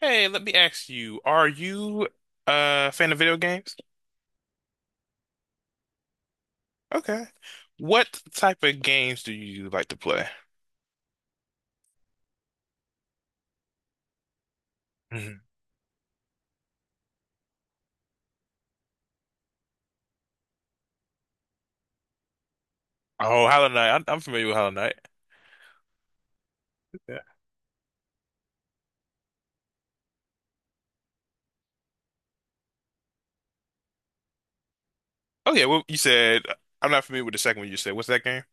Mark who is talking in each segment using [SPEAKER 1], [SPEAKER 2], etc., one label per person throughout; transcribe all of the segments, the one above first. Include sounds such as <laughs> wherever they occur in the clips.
[SPEAKER 1] Hey, let me ask you, are you a fan of video games? Okay. What type of games do you like to play? Mhm. Oh, Hollow Knight. I'm familiar with Hollow Knight. Okay, well, you said I'm not familiar with the second one you said. What's that game?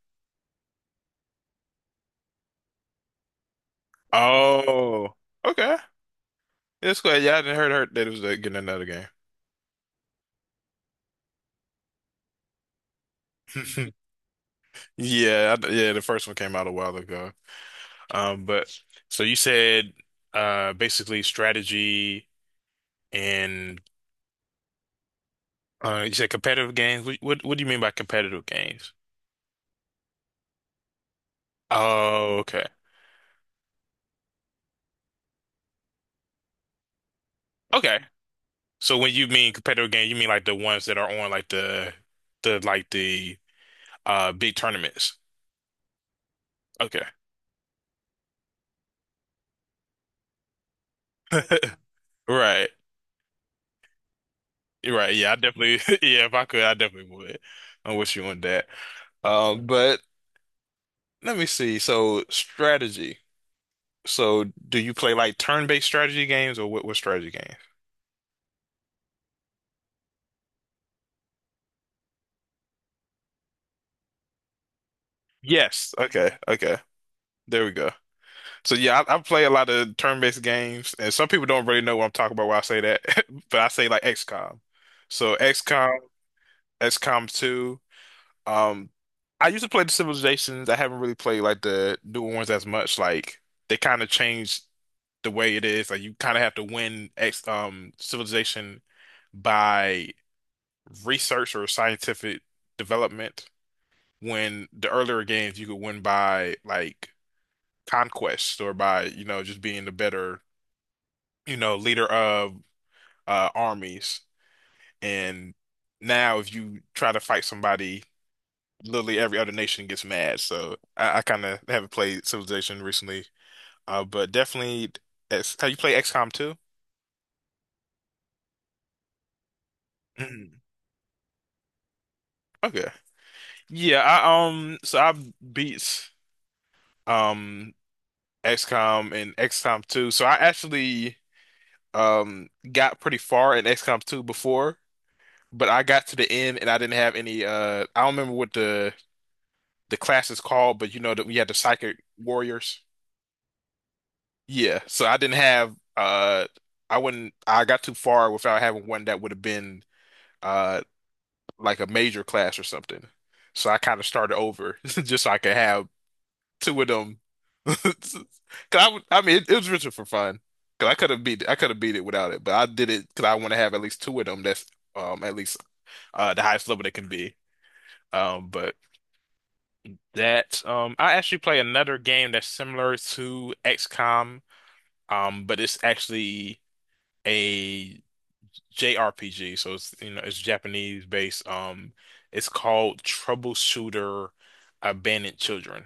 [SPEAKER 1] Oh, okay. That's good. Yeah, I didn't heard that it was getting another game. <laughs> Yeah, I, yeah, the first one came out a while ago. But so you said basically strategy and you said competitive games. What do you mean by competitive games? Oh, okay. Okay. So when you mean competitive game, you mean like the ones that are on like the like the big tournaments. Okay. <laughs> Right. Right. Yeah, I definitely <laughs> yeah, if I could, I definitely would. I'm with you on that. But let me see. So strategy. So do you play like turn-based strategy games or what strategy games? Yes. Okay. Okay. There we go. So yeah, I play a lot of turn-based games, and some people don't really know what I'm talking about when I say that, <laughs> but I say like XCOM. So XCOM, XCOM 2. Um, I used to play the Civilizations. I haven't really played like the newer ones as much. Like they kind of changed the way it is. Like you kind of have to win X Civilization by research or scientific development. When the earlier games you could win by like conquest or by you know just being the better, you know, leader of armies. And now, if you try to fight somebody, literally every other nation gets mad. So I kind of haven't played Civilization recently, but definitely. Have you played XCOM too? Mhm. <clears throat> Okay. Yeah, I so I beat um XCOM and XCOM 2. So I actually got pretty far in XCOM 2 before, but I got to the end and I didn't have any I don't remember what the class is called, but you know that we had the psychic warriors. Yeah, so I didn't have I got too far without having one that would have been uh like a major class or something. So I kind of started over <laughs> just so I could have two of them. <laughs> 'Cause I mean it was richer for fun. 'Cause I could have beat it without it, but I did it 'cause I want to have at least two of them that's at least the highest level they can be. But that. I actually play another game that's similar to XCOM, but it's actually a JRPG, so it's, you know, it's Japanese based. It's called Troubleshooter Abandoned Children.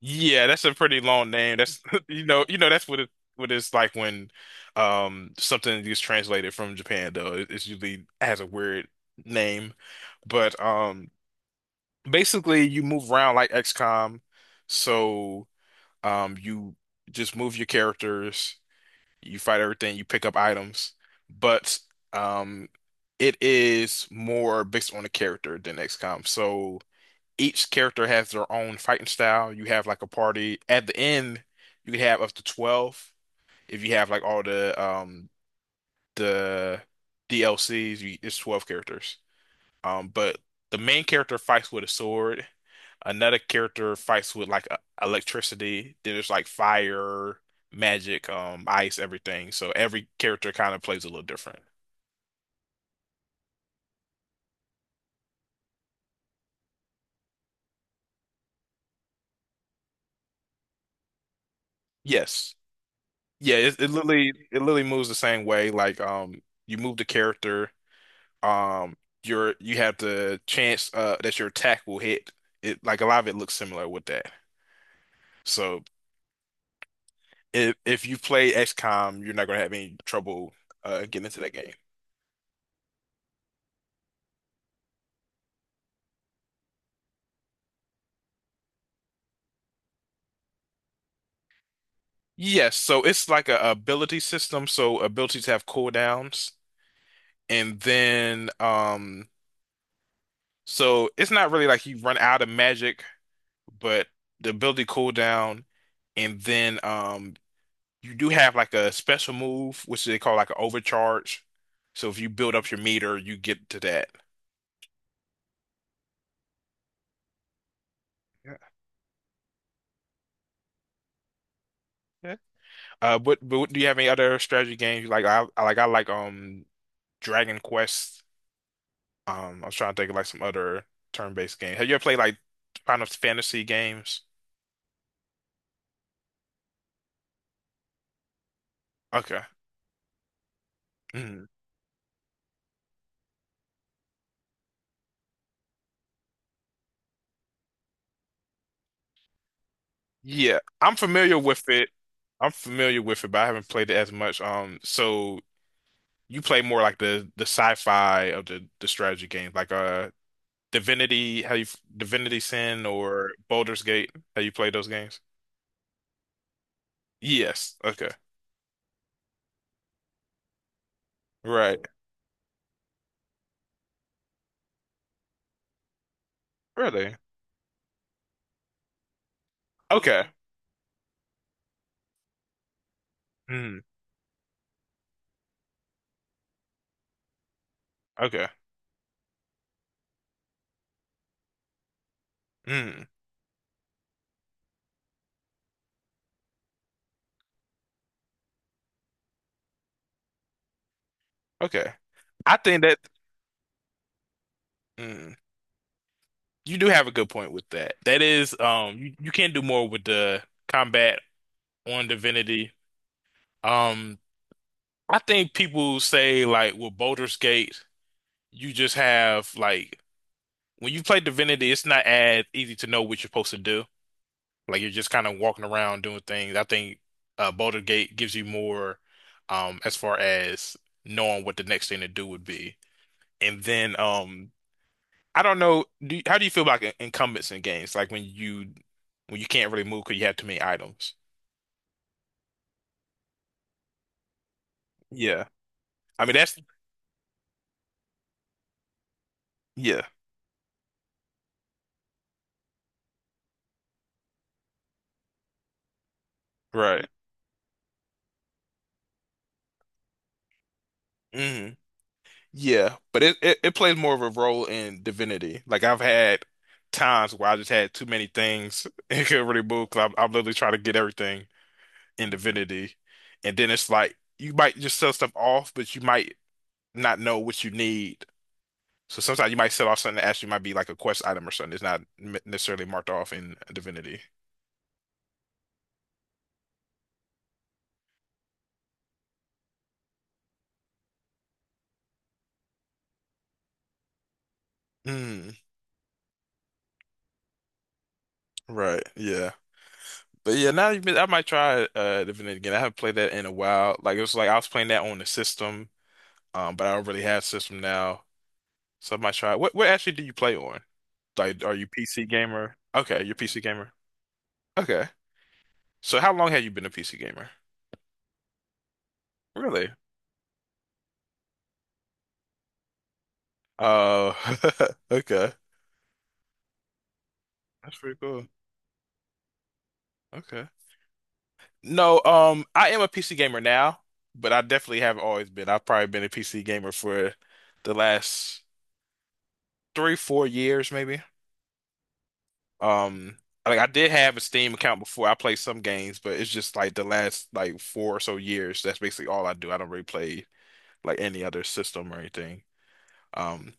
[SPEAKER 1] Yeah, that's a pretty long name. That's <laughs> you know that's what it's like when something gets translated from Japan though. It's usually has a weird name, but basically you move around like XCOM. So you just move your characters, you fight everything, you pick up items, but um, it is more based on the character than XCOM. So each character has their own fighting style. You have like a party. At the end, you can have up to 12. If you have like all the DLCs, you, it's 12 characters. But the main character fights with a sword. Another character fights with like electricity. Then there's like fire, magic, ice, everything. So every character kind of plays a little different. Yes. Yeah, it literally moves the same way. Like you move the character, um you have the chance that your attack will hit. It like a lot of it looks similar with that. So if you play XCOM, you're not gonna have any trouble getting into that game. Yes, so it's like a ability system. So abilities have cooldowns, and then so it's not really like you run out of magic, but the ability cooldown, and then you do have like a special move, which they call like an overcharge. So if you build up your meter, you get to that. Yeah. Yeah. But do you have any other strategy games you like? I like Dragon Quest. I was trying to think of like some other turn-based game. Have you ever played like Final Fantasy games? Okay. Mhm. Yeah, I'm familiar with it. I'm familiar with it, but I haven't played it as much. So you play more like the sci-fi of the strategy games, like Divinity, how you Divinity Sin or Baldur's Gate. How you play those games? Yes. Okay. Right. Really? Okay. Mm. Okay. Mm. Okay. I think that. Mm. You do have a good point with that. That is, you can do more with the combat on Divinity. Um, I think people say like with Baldur's Gate, you just have like when you play Divinity, it's not as easy to know what you're supposed to do. Like you're just kind of walking around doing things. I think Baldur's Gate gives you more, as far as knowing what the next thing to do would be. And then, I don't know. How do you feel about incumbents in games? Like when you can't really move because you have too many items. Yeah, I mean that's yeah, right. Hmm. Yeah, but it plays more of a role in Divinity. Like I've had times where I just had too many things <laughs> and couldn't really move because I'm literally trying to get everything in Divinity, and then it's like you might just sell stuff off, but you might not know what you need. So sometimes you might sell off something that actually might be like a quest item or something. It's not necessarily marked off in Divinity. Mm, right. Yeah. But yeah, now you I might try Divinity again. I haven't played that in a while. Like it was like I was playing that on the system, but I don't really have system now. So I might try. What actually do you play on? Like are you PC gamer? Okay, you're PC gamer. Okay. So how long have you been a PC gamer? Really? Oh, <laughs> okay. That's pretty cool. Okay. No, I am a PC gamer now, but I definitely have always been. I've probably been a PC gamer for the last three, 4 years, maybe. Um, like I did have a Steam account before. I played some games, but it's just like the last like four or so years. That's basically all I do. I don't really play like any other system or anything. Um,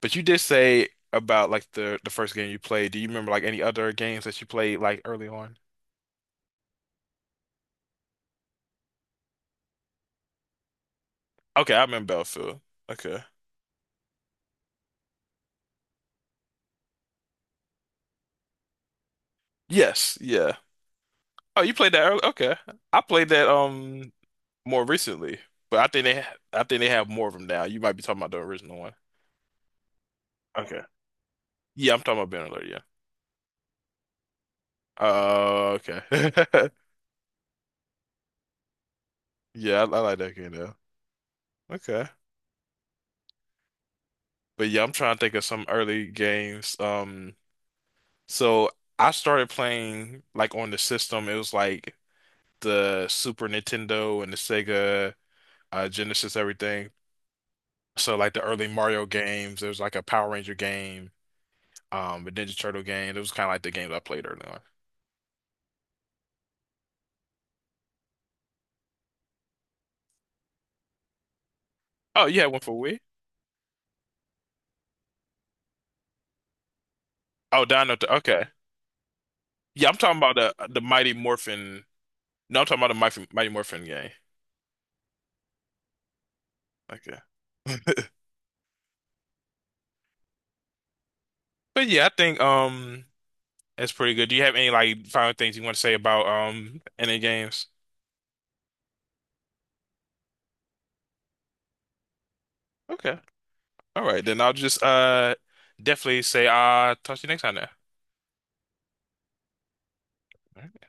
[SPEAKER 1] but you did say about like the first game you played. Do you remember like any other games that you played like early on? Okay, I remember Battlefield. Okay. Yes. Yeah. Oh, you played that early? Okay. I played that more recently, but I think they ha I think they have more of them now. You might be talking about the original one. Okay. Yeah, I'm talking about Ben Alert. Oh, okay. <laughs> Yeah, I like that game though. Okay. But yeah, I'm trying to think of some early games. So I started playing like on the system. It was like the Super Nintendo and the Sega Genesis, everything. So like the early Mario games. There was like a Power Ranger game, a Ninja Turtle game. It was kind of like the games I played early on. Oh, you had one for Wii. Oh, Dino. Okay. Yeah, I'm talking about the Mighty Morphin. No, I'm talking about the Mighty Morphin game. Okay. <laughs> But yeah, I think that's pretty good. Do you have any like final things you want to say about any games? Okay. All right, then I'll just definitely say talk to you next time then.